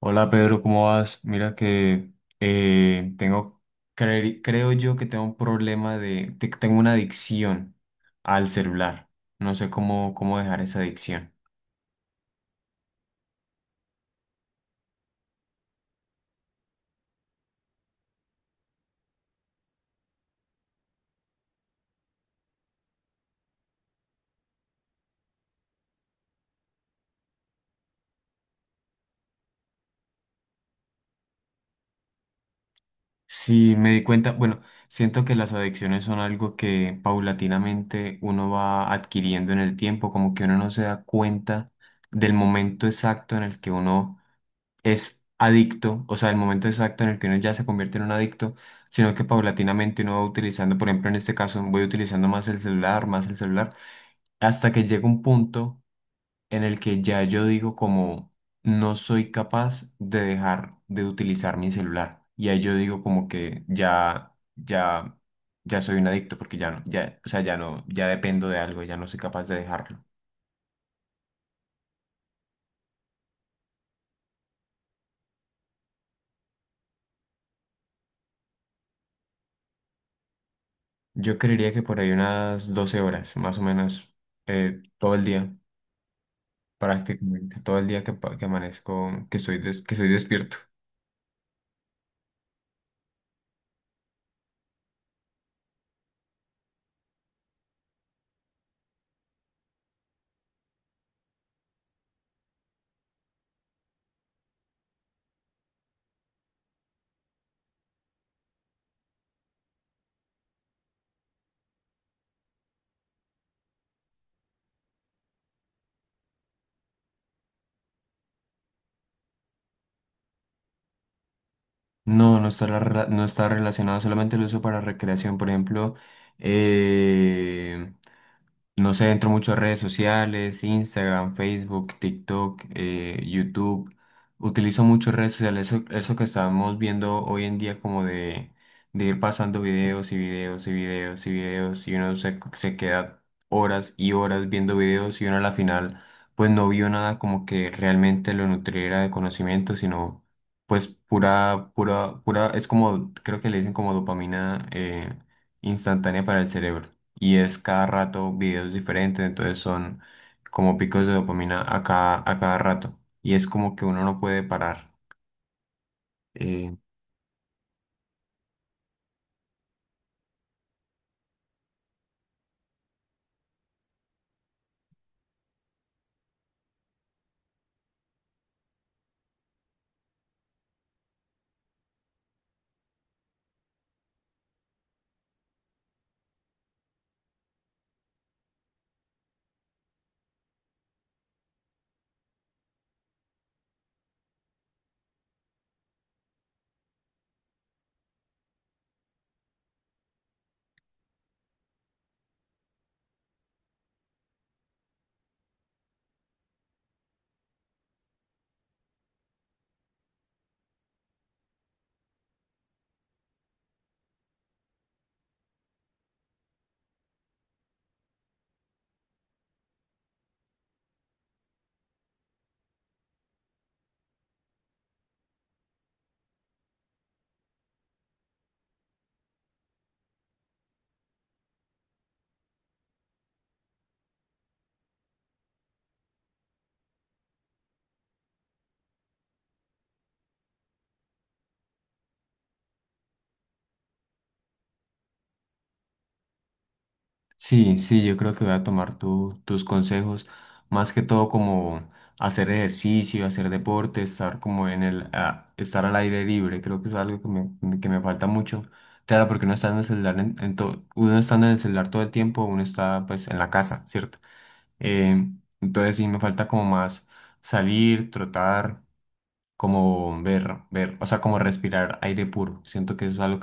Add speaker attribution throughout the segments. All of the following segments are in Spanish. Speaker 1: Hola Pedro, ¿cómo vas? Mira que eh, tengo, creo yo que tengo un problema tengo una adicción al celular. No sé cómo dejar esa adicción. Sí, me di cuenta, bueno, siento que las adicciones son algo que paulatinamente uno va adquiriendo en el tiempo, como que uno no se da cuenta del momento exacto en el que uno es adicto, o sea, el momento exacto en el que uno ya se convierte en un adicto, sino que paulatinamente uno va utilizando, por ejemplo, en este caso, voy utilizando más el celular, hasta que llega un punto en el que ya yo digo como no soy capaz de dejar de utilizar mi celular. Y ahí yo digo como que ya, ya, ya soy un adicto porque ya no, ya, o sea, ya no, ya dependo de algo, ya no soy capaz de dejarlo. Yo creería que por ahí unas 12 horas, más o menos, todo el día. Prácticamente todo el día que amanezco, que estoy despierto. No, no está, no está relacionado solamente el uso para recreación. Por ejemplo, eh, no sé, entro mucho a redes sociales, Instagram, Facebook, TikTok, YouTube. Utilizo mucho redes sociales, eso que estamos viendo hoy en día como de ir pasando videos y videos y videos y videos y uno se queda horas y horas viendo videos y uno a la final pues no vio nada como que realmente lo nutriera de conocimiento, sino... Pues pura, pura, pura, es como, creo que le dicen como dopamina instantánea para el cerebro. Y es cada rato videos diferentes, entonces son como picos de dopamina a cada rato. Y es como que uno no puede parar. eh, Sí, sí, yo creo que voy a tomar tus consejos, más que todo como hacer ejercicio, hacer deporte, estar como en estar al aire libre, creo que es algo que que me falta mucho. Claro, porque uno está en el celular, uno estando en el celular todo el tiempo, uno está pues en la casa, ¿cierto? Eh, entonces sí, me falta como más salir, trotar, como ver, o sea, como respirar aire puro. Siento que eso es algo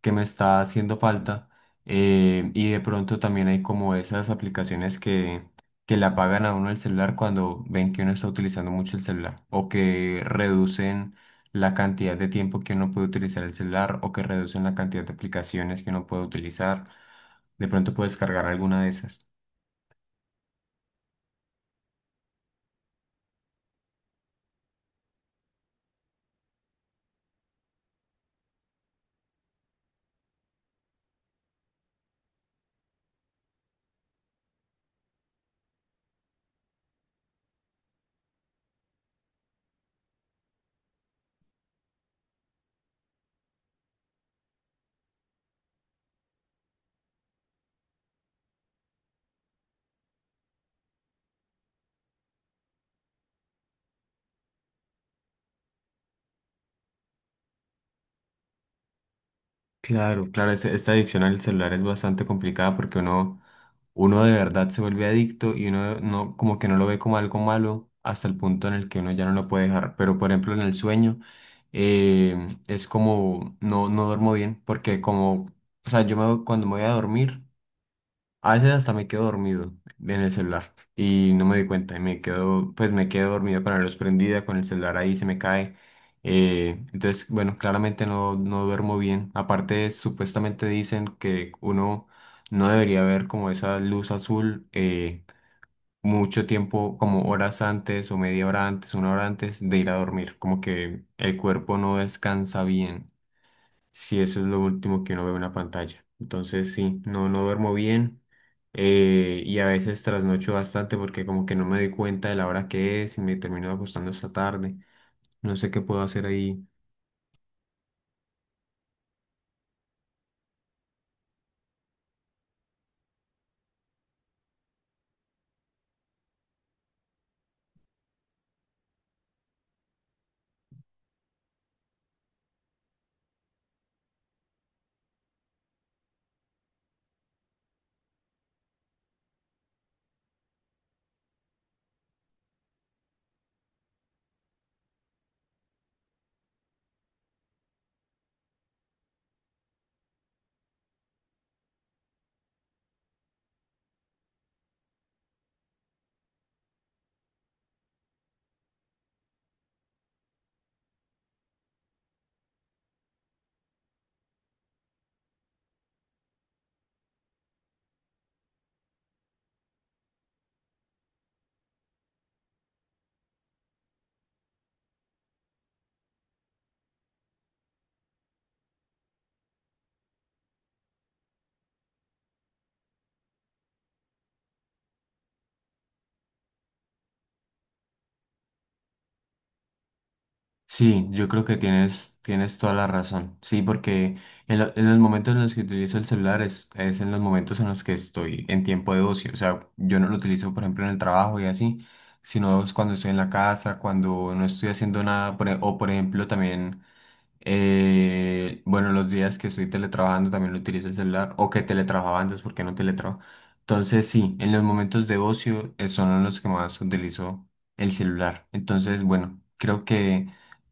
Speaker 1: que me está haciendo falta. Y de pronto también hay como esas aplicaciones que le apagan a uno el celular cuando ven que uno está utilizando mucho el celular o que reducen la cantidad de tiempo que uno puede utilizar el celular o que reducen la cantidad de aplicaciones que uno puede utilizar. De pronto puedes cargar alguna de esas. Claro, claro, esta adicción al celular es bastante complicada porque uno de verdad se vuelve adicto y uno no, como que no lo ve como algo malo hasta el punto en el que uno ya no lo puede dejar. Pero por ejemplo en el sueño, es como no, no duermo bien porque como, o sea, yo me, cuando me voy a dormir a veces hasta me quedo dormido en el celular y no me doy cuenta y me quedo, pues me quedo dormido con la luz prendida, con el celular ahí se me cae. Entonces, bueno, claramente no, no duermo bien. Aparte, supuestamente dicen que uno no debería ver como esa luz azul mucho tiempo, como horas antes o media hora antes, una hora antes de ir a dormir, como que el cuerpo no descansa bien si eso es lo último que uno ve en una pantalla. Entonces, sí, no, no duermo bien, y a veces trasnocho bastante porque como que no me doy cuenta de la hora que es y me termino acostando hasta tarde. No sé qué puedo hacer ahí. Sí, yo creo que tienes, tienes toda la razón. Sí, porque en los momentos en los que utilizo el celular es en los momentos en los que estoy en tiempo de ocio. O sea, yo no lo utilizo, por ejemplo, en el trabajo y así, sino es cuando estoy en la casa, cuando no estoy haciendo nada, o por ejemplo, también bueno, los días que estoy teletrabajando también lo utilizo el celular o que teletrabajaba antes porque no teletrabajo. Entonces, sí, en los momentos de ocio son en los que más utilizo el celular. Entonces, bueno, creo que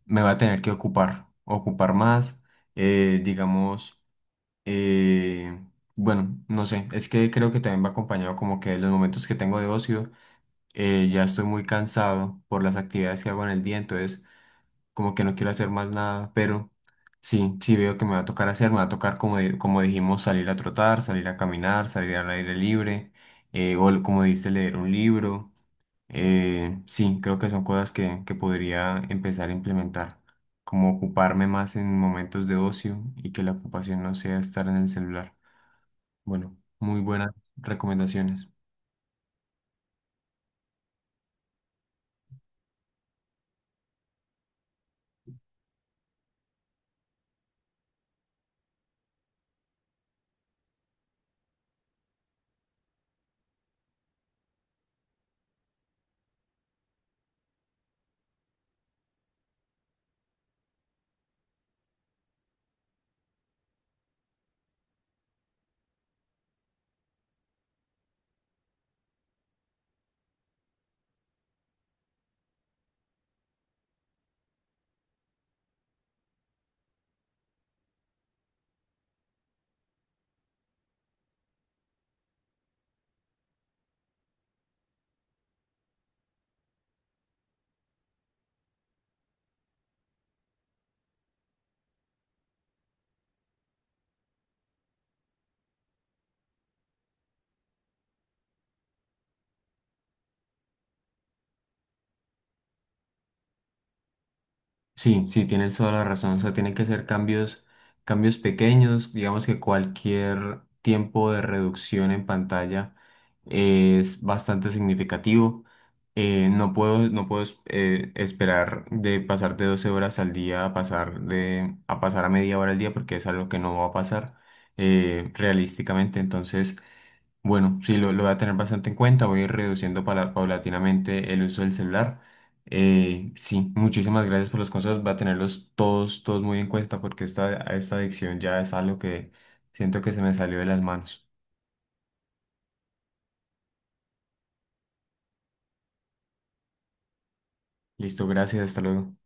Speaker 1: me va a tener que ocupar más, eh, digamos, eh, bueno, no sé, es que creo que también va acompañado como que de los momentos que tengo de ocio. Ya estoy muy cansado por las actividades que hago en el día, entonces como que no quiero hacer más nada, pero sí, sí veo que me va a tocar hacer, me va a tocar, como, como dijimos, salir a trotar, salir a caminar, salir al aire libre, como dice, leer un libro. Sí, creo que son cosas que podría empezar a implementar, como ocuparme más en momentos de ocio y que la ocupación no sea estar en el celular. Bueno, muy buenas recomendaciones. Sí, sí, tienes toda la razón. O sea, tienen que ser cambios, cambios pequeños. Digamos que cualquier tiempo de reducción en pantalla es bastante significativo. No puedo, esperar de pasar de 12 horas al día a pasar a pasar a 1/2 hora al día porque es algo que no va a pasar, realísticamente. Entonces, bueno, sí, lo voy a tener bastante en cuenta. Voy a ir reduciendo paulatinamente el uso del celular. Sí, muchísimas gracias por los consejos. Va a tenerlos todos, todos muy en cuenta porque esta adicción ya es algo que siento que se me salió de las manos. Listo, gracias, hasta luego.